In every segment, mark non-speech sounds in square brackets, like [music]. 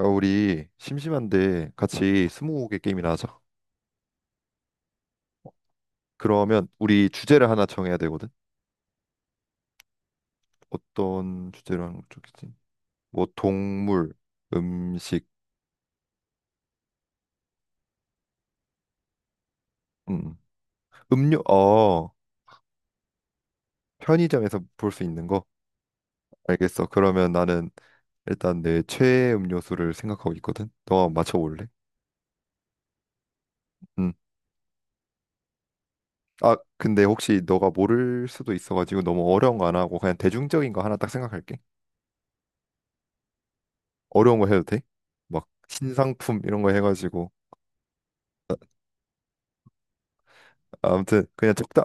야, 우리 심심한데 같이 스무고개 게임이나 하자. 그러면 우리 주제를 하나 정해야 되거든. 어떤 주제로 하는 거 좋겠지? 뭐 동물, 음식, 음, 음료, 어, 편의점에서 볼 수 있는 거. 알겠어. 그러면 나는 일단 내 최애 음료수를 생각하고 있거든. 너가 한번 맞춰볼래? 음. 아, 근데 혹시 너가 모를 수도 있어가지고 너무 어려운 거 안 하고 그냥 대중적인 거 하나 딱 생각할게. 어려운 거 해도 돼? 막 신상품 이런 거 해가지고 아무튼 그냥 적당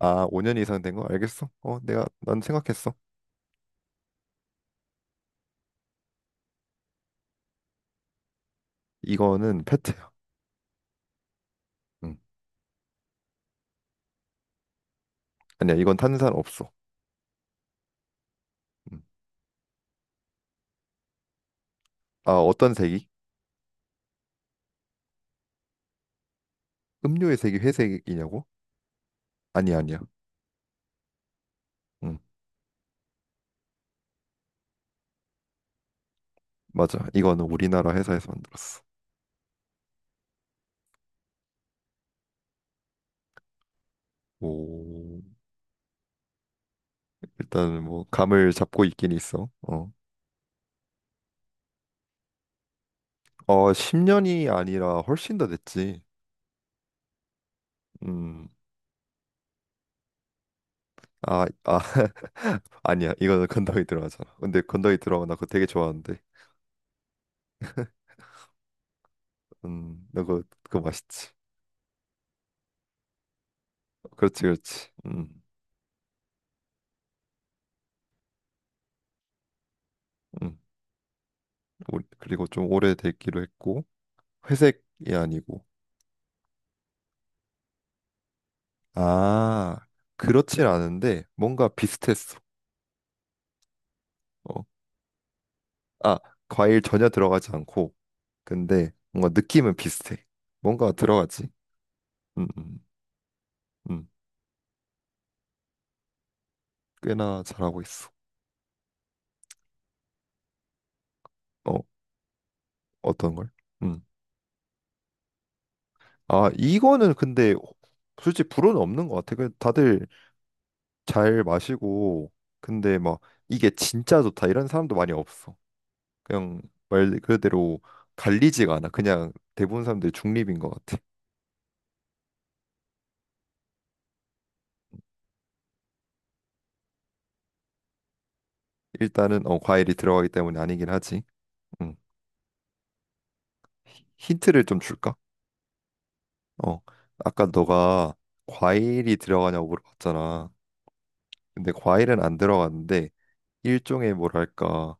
아, 5년 이상 된 거 알겠어? 어, 내가 난 생각했어. 이거는 페트야. 음. 아니야, 이건 탄산 없어. 음. 아, 어떤 색이? 음료의 색이 회색이냐고? 아니, 아니야. 음. 맞아. 이거는 우리나라 회사에서 만들었어. 오, 일단 뭐 감을 잡고 있긴 있어. 어. 어, 10년이 아니라 훨씬 더 됐지. 음. 아, 아. [laughs] 아니야. 이거는 건더기 들어가잖아. 근데 건더기 들어가 나 그거 되게 좋아하는데. 음. 나 그거 맛있지. 그렇지, 그렇지. 음. 음. 오- 그리고 좀 오래됐기로 했고 회색이 아니고 아, 그렇진 않은데 뭔가 비슷했어. 어. 아, 과일 전혀 들어가지 않고 근데 뭔가 느낌은 비슷해. 뭔가 들어가지. 음, 음, 음. 꽤나 잘하고 있어. 어, 어떤 걸? 음. 아, 이거는 근데 솔직히 불호는 없는 것 같아. 그 다들 잘 마시고 근데 막 이게 진짜 좋다 이런 사람도 많이 없어. 그냥 말 그대로 갈리지가 않아. 그냥 대부분 사람들이 중립인 것 같아. 일단은 어, 과일이 들어가기 때문에 아니긴 하지. 음. 힌트를 좀 줄까? 어, 아까 너가 과일이 들어가냐고 물어봤잖아. 근데 과일은 안 들어갔는데 일종의 뭐랄까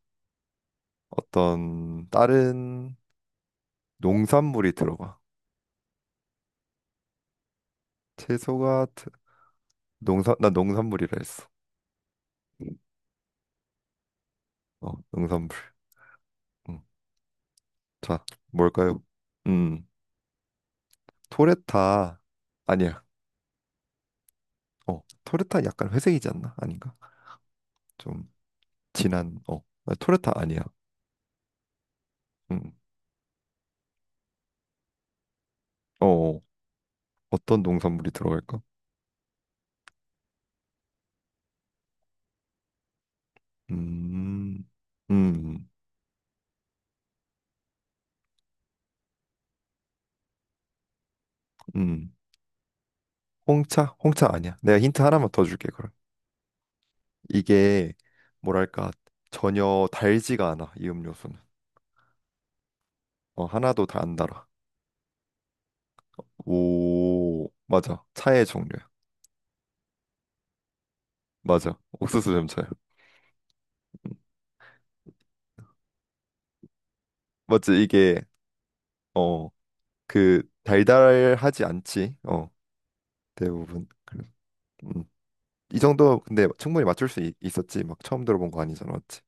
어떤 다른 농산물이 들어가. 채소가 농산 나 농산물이라 했어. 어, 농산물. 음. 자, 뭘까요? 음, 토레타 아니야. 어, 토르타 약간 회색이지 않나? 아닌가? 좀 진한, 어, 아, 토르타 아니야. 음, 어, 어. 어떤 농산물이 들어갈까? 음, 음, 음. 홍차? 홍차 아니야. 내가 힌트 하나만 더 줄게, 그럼. 이게, 뭐랄까, 전혀 달지가 않아, 이 음료수는. 어, 하나도 다 안 달아. 오, 맞아. 차의 종류야. 맞아. 옥수수 점차야. 음. 맞지? 이게, 어, 그, 달달하지 않지. 어, 대부분. 그래. 음. 이 정도 근데 충분히 맞출 수 있었지. 막 처음 들어본 거 아니잖아, 맞지?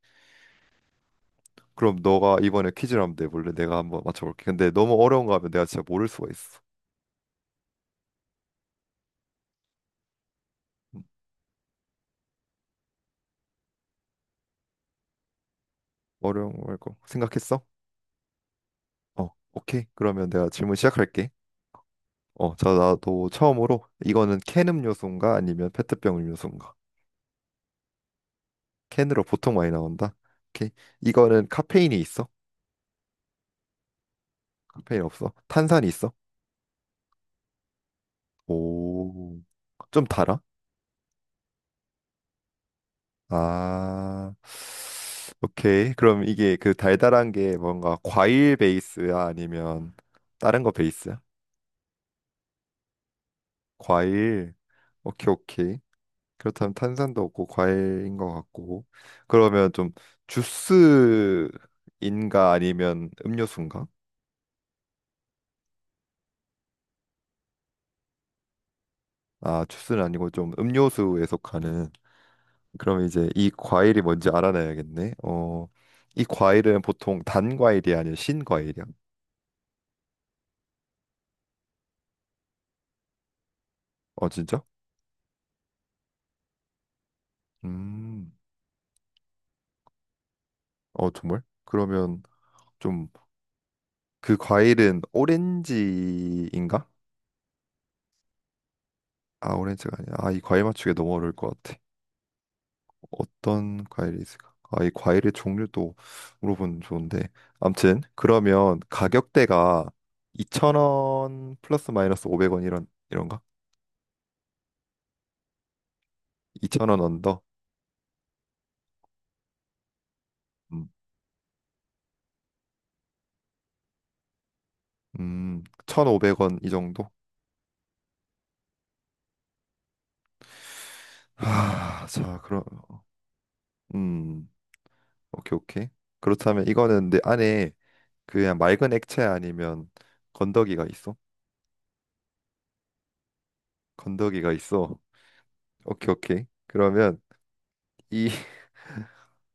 그럼 너가 이번에 퀴즈를 한번 내볼래? 내가 한번 맞춰볼게. 근데 너무 어려운 거 하면 내가 진짜 모를 수가 있어. 음, 어려운 거 말고 생각했어? 어, 오케이. 그러면 내가 질문 시작할게. 어, 자, 나도 처음으로 이거는 캔 음료수인가 아니면 페트병 음료수인가? 캔으로 보통 많이 나온다. 오케이. 이거는 카페인이 있어? 카페인 없어? 탄산이 있어? 오, 좀 달아? 아, 오케이. 그럼 이게 그 달달한 게 뭔가 과일 베이스야? 아니면 다른 거 베이스야? 과일. 오케이, 오케이. 그렇다면 탄산도 없고 과일인 것 같고. 그러면 좀 주스인가 아니면 음료수인가? 아, 주스는 아니고 좀 음료수에 속하는. 그럼 이제 이 과일이 뭔지 알아내야겠네. 어, 이 과일은 보통 단 과일이 아니라 신 과일이야. 어, 진짜? 음. 어, 정말? 그러면 좀 그 과일은 오렌지인가? 아, 오렌지가 아니야. 아, 이 과일 맞추기 너무 어려울 것 같아. 어떤 과일이 있을까? 아, 이 과일의 종류도 물어보면 좋은데. 암튼 그러면 가격대가 2,000원 플러스 마이너스 500원 이런가? 2,000원 언더. 음, 1,500원 이 정도? 아, 자, 그럼 음, 오케이, 오케이. 그렇다면 이거는 내 안에 그냥 맑은 액체 아니면 건더기가 있어? 건더기가 있어. 오케이, 오케이. 그러면 이 [laughs]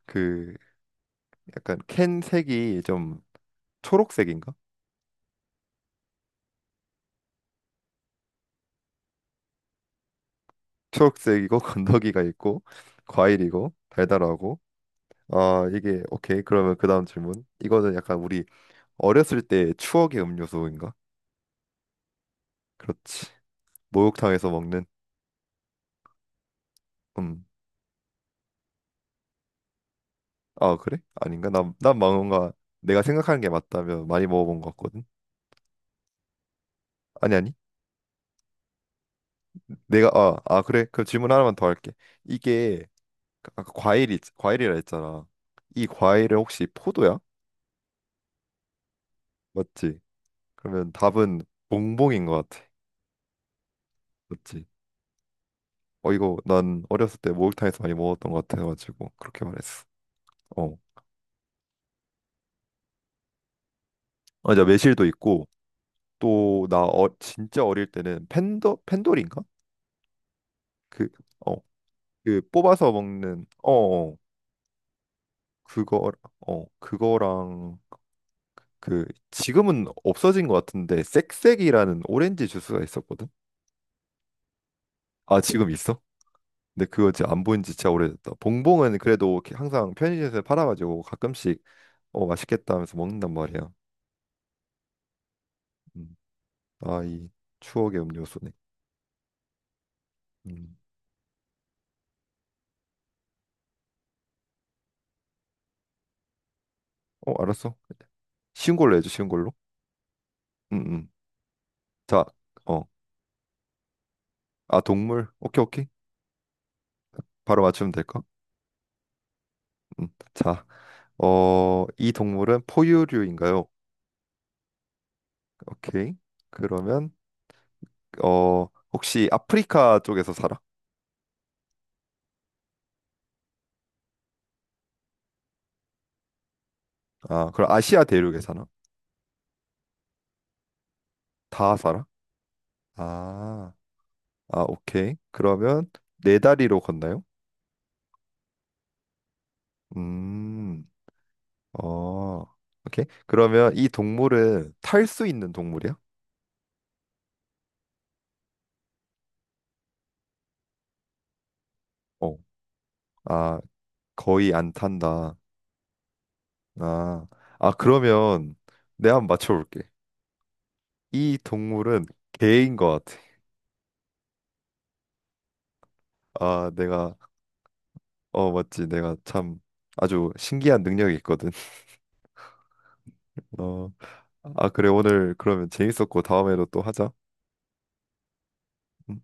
그 약간 캔 색이 좀 초록색인가? 초록색이고 [laughs] 건더기가 있고 과일이고 달달하고 아 이게, 오케이. 그러면 그 다음 질문, 이거는 약간 우리 어렸을 때 추억의 음료수인가? 그렇지. 목욕탕에서 먹는 음. 아, 그래? 아닌가? 난 뭔가 내가 생각하는 게 맞다면 많이 먹어본 것 같거든. 아니, 아니. 내가 아, 아, 그래, 그럼 질문 하나만 더 할게. 이게 그 아까 과일이 과일이라 했잖아. 이 과일은 혹시 포도야? 맞지. 그러면 답은 봉봉인 것 같아. 맞지. 어, 이거 난 어렸을 때 목욕탕에서 많이 먹었던 것 같아가지고 그렇게 말했어. 어, 맞아, 매실도 있고 또 나 어, 진짜 어릴 때는 팬더 펜돌인가 그 어 그 뽑아서 먹는 어, 어, 그거, 어, 그거랑 그, 지금은 없어진 것 같은데 쌕쌕이라는 오렌지 주스가 있었거든. 아, 지금 있어? 근데 그거 진짜 안 보인 지 진짜 오래됐다. 봉봉은 그래도 이렇게 항상 편의점에서 팔아가지고 가끔씩 어 맛있겠다 하면서 먹는단 말이야. 음. 아이 추억의 음료수네. 음. 어, 알았어. 쉬운 걸로 해줘, 쉬운 걸로. 응응. 자, 어. 아, 동물. 오케이, 오케이. 바로 맞추면 될까? 음. 자, 어, 이 동물은 포유류인가요? 오케이. 그러면 어, 혹시 아프리카 쪽에서 살아? 아, 그럼 아시아 대륙에 사나? 다 살아? 아, 아, 오케이. 그러면 네 다리로 걷나요? 음, 어, 오케이. 그러면 이 동물은 탈 수 있는 동물이야? 어. 아, 거의 안 탄다. 아, 아, 그러면 내가 한번 맞춰볼게. 이 동물은 개인 것 같아. 아, 내가, 어, 맞지. 내가 참 아주 신기한 능력이 있거든. [laughs] 어, 아, 그래. 오늘 그러면 재밌었고 다음에도 또 하자. 음.